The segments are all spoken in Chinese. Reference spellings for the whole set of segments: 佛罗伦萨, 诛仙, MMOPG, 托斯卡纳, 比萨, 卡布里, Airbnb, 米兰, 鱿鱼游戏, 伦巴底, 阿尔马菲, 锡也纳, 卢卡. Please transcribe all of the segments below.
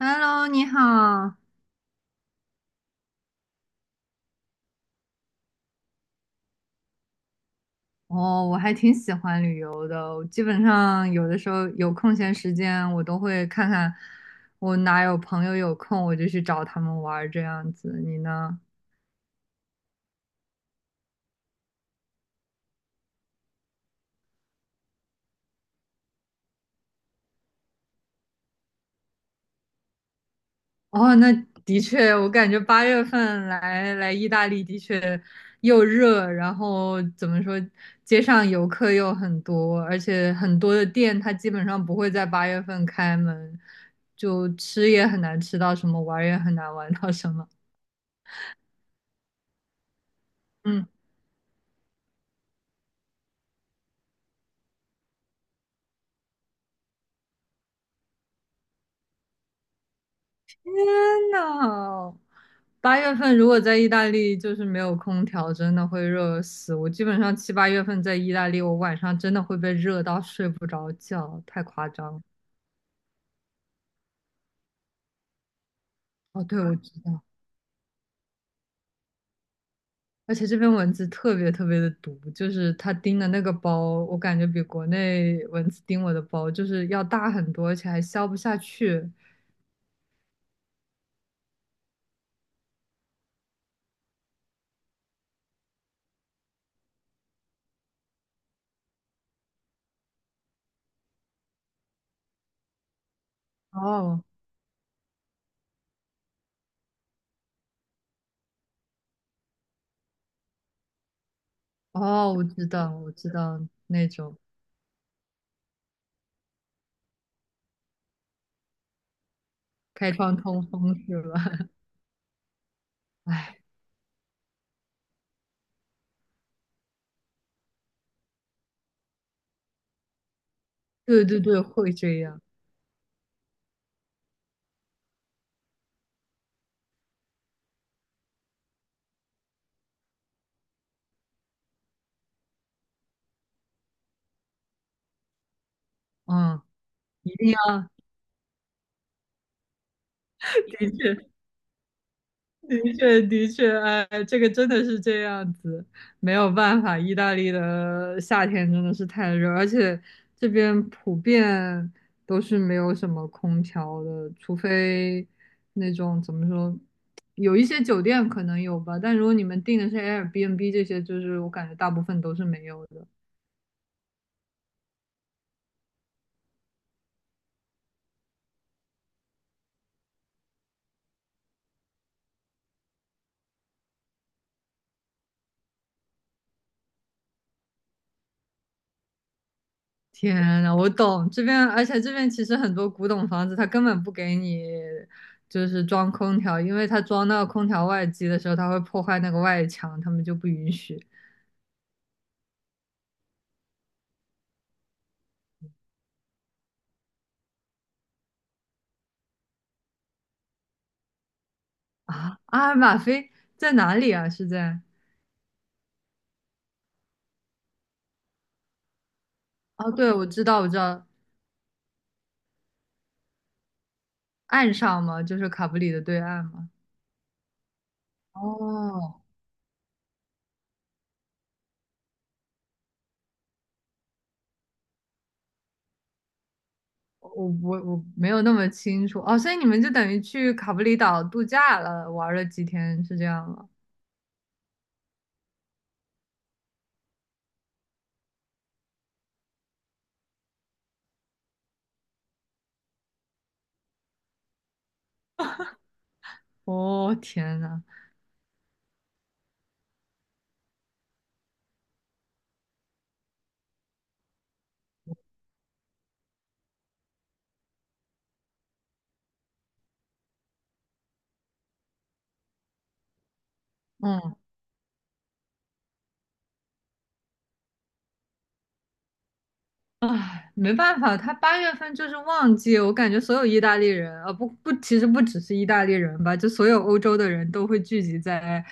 Hello，你好。哦，我还挺喜欢旅游的。我基本上有的时候有空闲时间，我都会看看我哪有朋友有空，我就去找他们玩儿这样子。你呢？哦，那的确，我感觉八月份来意大利的确又热，然后怎么说，街上游客又很多，而且很多的店它基本上不会在八月份开门，就吃也很难吃到什么，玩儿也很难玩到什么。嗯。天呐，八月份如果在意大利就是没有空调，真的会热死。我基本上七八月份在意大利，我晚上真的会被热到睡不着觉，太夸张了。哦，对，我知道，而且这边蚊子特别特别的毒，就是它叮的那个包，我感觉比国内蚊子叮我的包就是要大很多，而且还消不下去。哦哦，我知道，我知道那种开窗通风是吧？哎，对对对，会这样，嗯。一定要，的确，的确，的确，哎，这个真的是这样子，没有办法，意大利的夏天真的是太热，而且这边普遍都是没有什么空调的，除非那种怎么说，有一些酒店可能有吧，但如果你们订的是 Airbnb 这些，就是我感觉大部分都是没有的。天呐，我懂这边，而且这边其实很多古董房子，它根本不给你就是装空调，因为它装到空调外机的时候，它会破坏那个外墙，他们就不允许。啊，阿尔马菲在哪里啊？是在？哦，对，我知道，我知道，岸上嘛，就是卡布里的对岸嘛。哦，我没有那么清楚。哦，所以你们就等于去卡布里岛度假了，玩了几天，是这样吗？哦，天呐，嗯唉，没办法，他八月份就是旺季，我感觉所有意大利人，啊，不不，其实不只是意大利人吧，就所有欧洲的人都会聚集在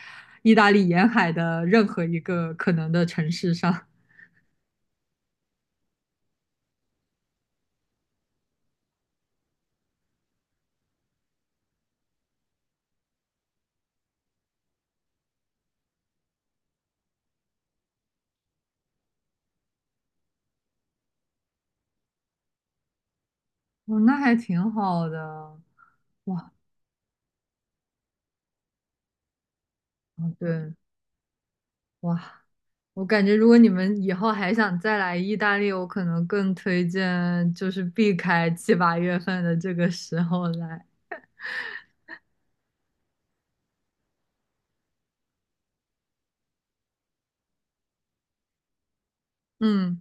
意大利沿海的任何一个可能的城市上。哦，那还挺好的，哇，哦对，哇，我感觉如果你们以后还想再来意大利，我可能更推荐就是避开七八月份的这个时候来。嗯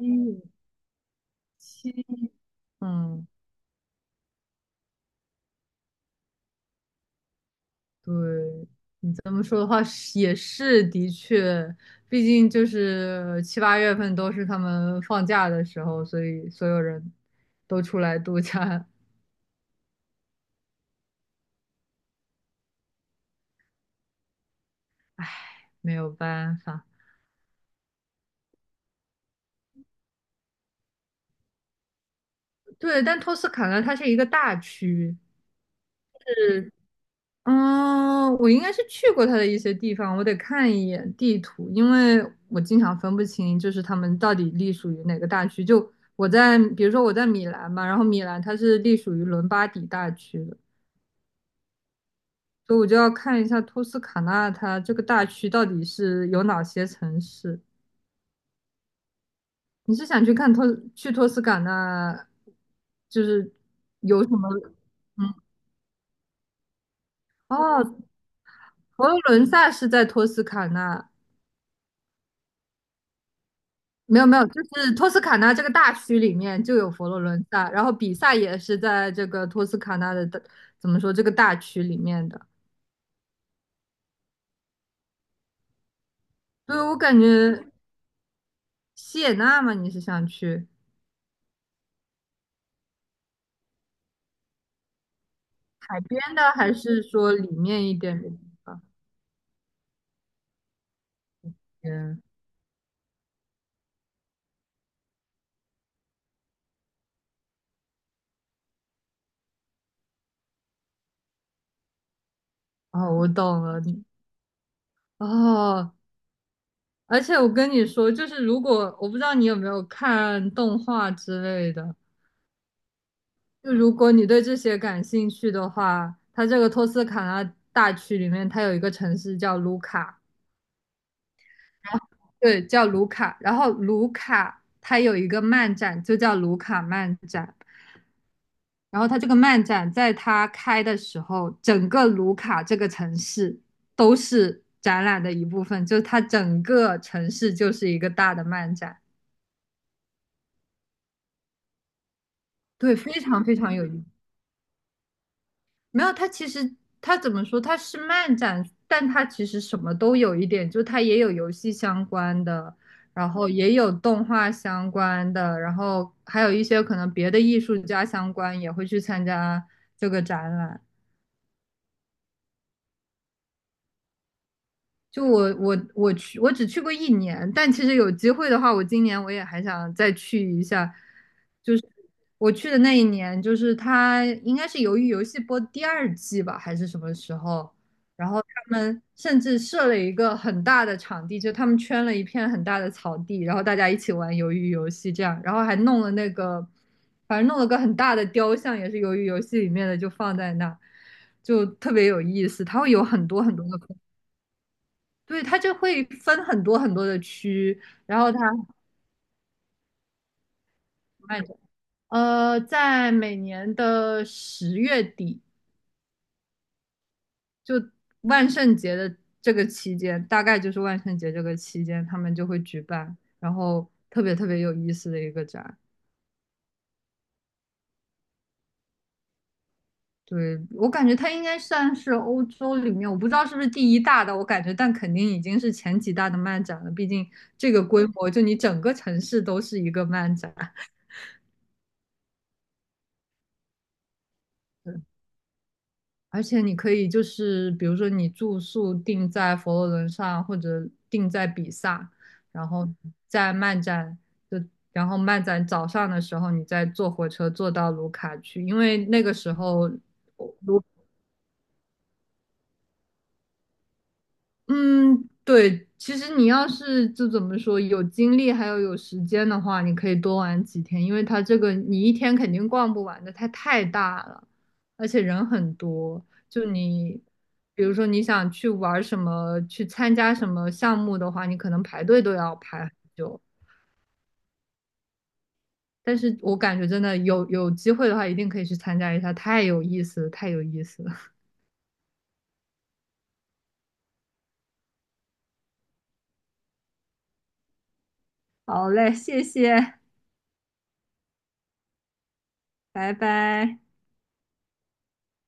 嗯，七嗯。对，你这么说的话是也是的确，毕竟就是七八月份都是他们放假的时候，所以所有人都出来度假，没有办法。对，但托斯卡纳它是一个大区，是，嗯，我应该是去过它的一些地方，我得看一眼地图，因为我经常分不清就是他们到底隶属于哪个大区。就我在，比如说我在米兰嘛，然后米兰它是隶属于伦巴底大区的。所以我就要看一下托斯卡纳它这个大区到底是有哪些城市。你是想去去托斯卡纳，就是有什么？嗯，哦，佛罗伦萨是在托斯卡纳，没有没有，就是托斯卡纳这个大区里面就有佛罗伦萨，然后比萨也是在这个托斯卡纳的大，怎么说这个大区里面的。对，我感觉锡也纳嘛，你是想去海边的，还是说里面一点的地方？哦，我懂了你哦，而且我跟你说，就是如果我不知道你有没有看动画之类的，就如果你对这些感兴趣的话，它这个托斯卡纳大区里面，它有一个城市叫卢卡，对，叫卢卡。然后卢卡它有一个漫展，就叫卢卡漫展。然后他这个漫展在他开的时候，整个卢卡这个城市都是展览的一部分，就是它整个城市就是一个大的漫展。对，非常非常有意思。没有，它其实它怎么说？它是漫展，但它其实什么都有一点，就它也有游戏相关的，然后也有动画相关的，然后还有一些可能别的艺术家相关也会去参加这个展览。就我去，我只去过一年，但其实有机会的话，我今年我也还想再去一下。就是我去的那一年，就是它应该是《鱿鱼游戏》播第二季吧，还是什么时候？然后他们甚至设了一个很大的场地，就他们圈了一片很大的草地，然后大家一起玩鱿鱼游戏这样，然后还弄了那个，反正弄了个很大的雕像，也是鱿鱼游戏里面的，就放在那，就特别有意思。它会有很多很多的。对，它就会分很多很多的区，然后它卖着。在每年的10月底，就万圣节的这个期间，大概就是万圣节这个期间，他们就会举办，然后特别特别有意思的一个展。对，我感觉它应该算是欧洲里面，我不知道是不是第一大的，我感觉，但肯定已经是前几大的漫展了。毕竟这个规模，就你整个城市都是一个漫展。而且你可以就是，比如说你住宿定在佛罗伦萨或者定在比萨，然后在漫展就，然后漫展早上的时候，你再坐火车坐到卢卡去，因为那个时候卢嗯，对，其实你要是就怎么说，有精力还有时间的话，你可以多玩几天，因为它这个你一天肯定逛不完的，它太大了，而且人很多。就你，比如说你想去玩什么，去参加什么项目的话，你可能排队都要排很久。但是我感觉真的有机会的话，一定可以去参加一下，太有意思了，太有意思了。好嘞，谢谢，拜拜。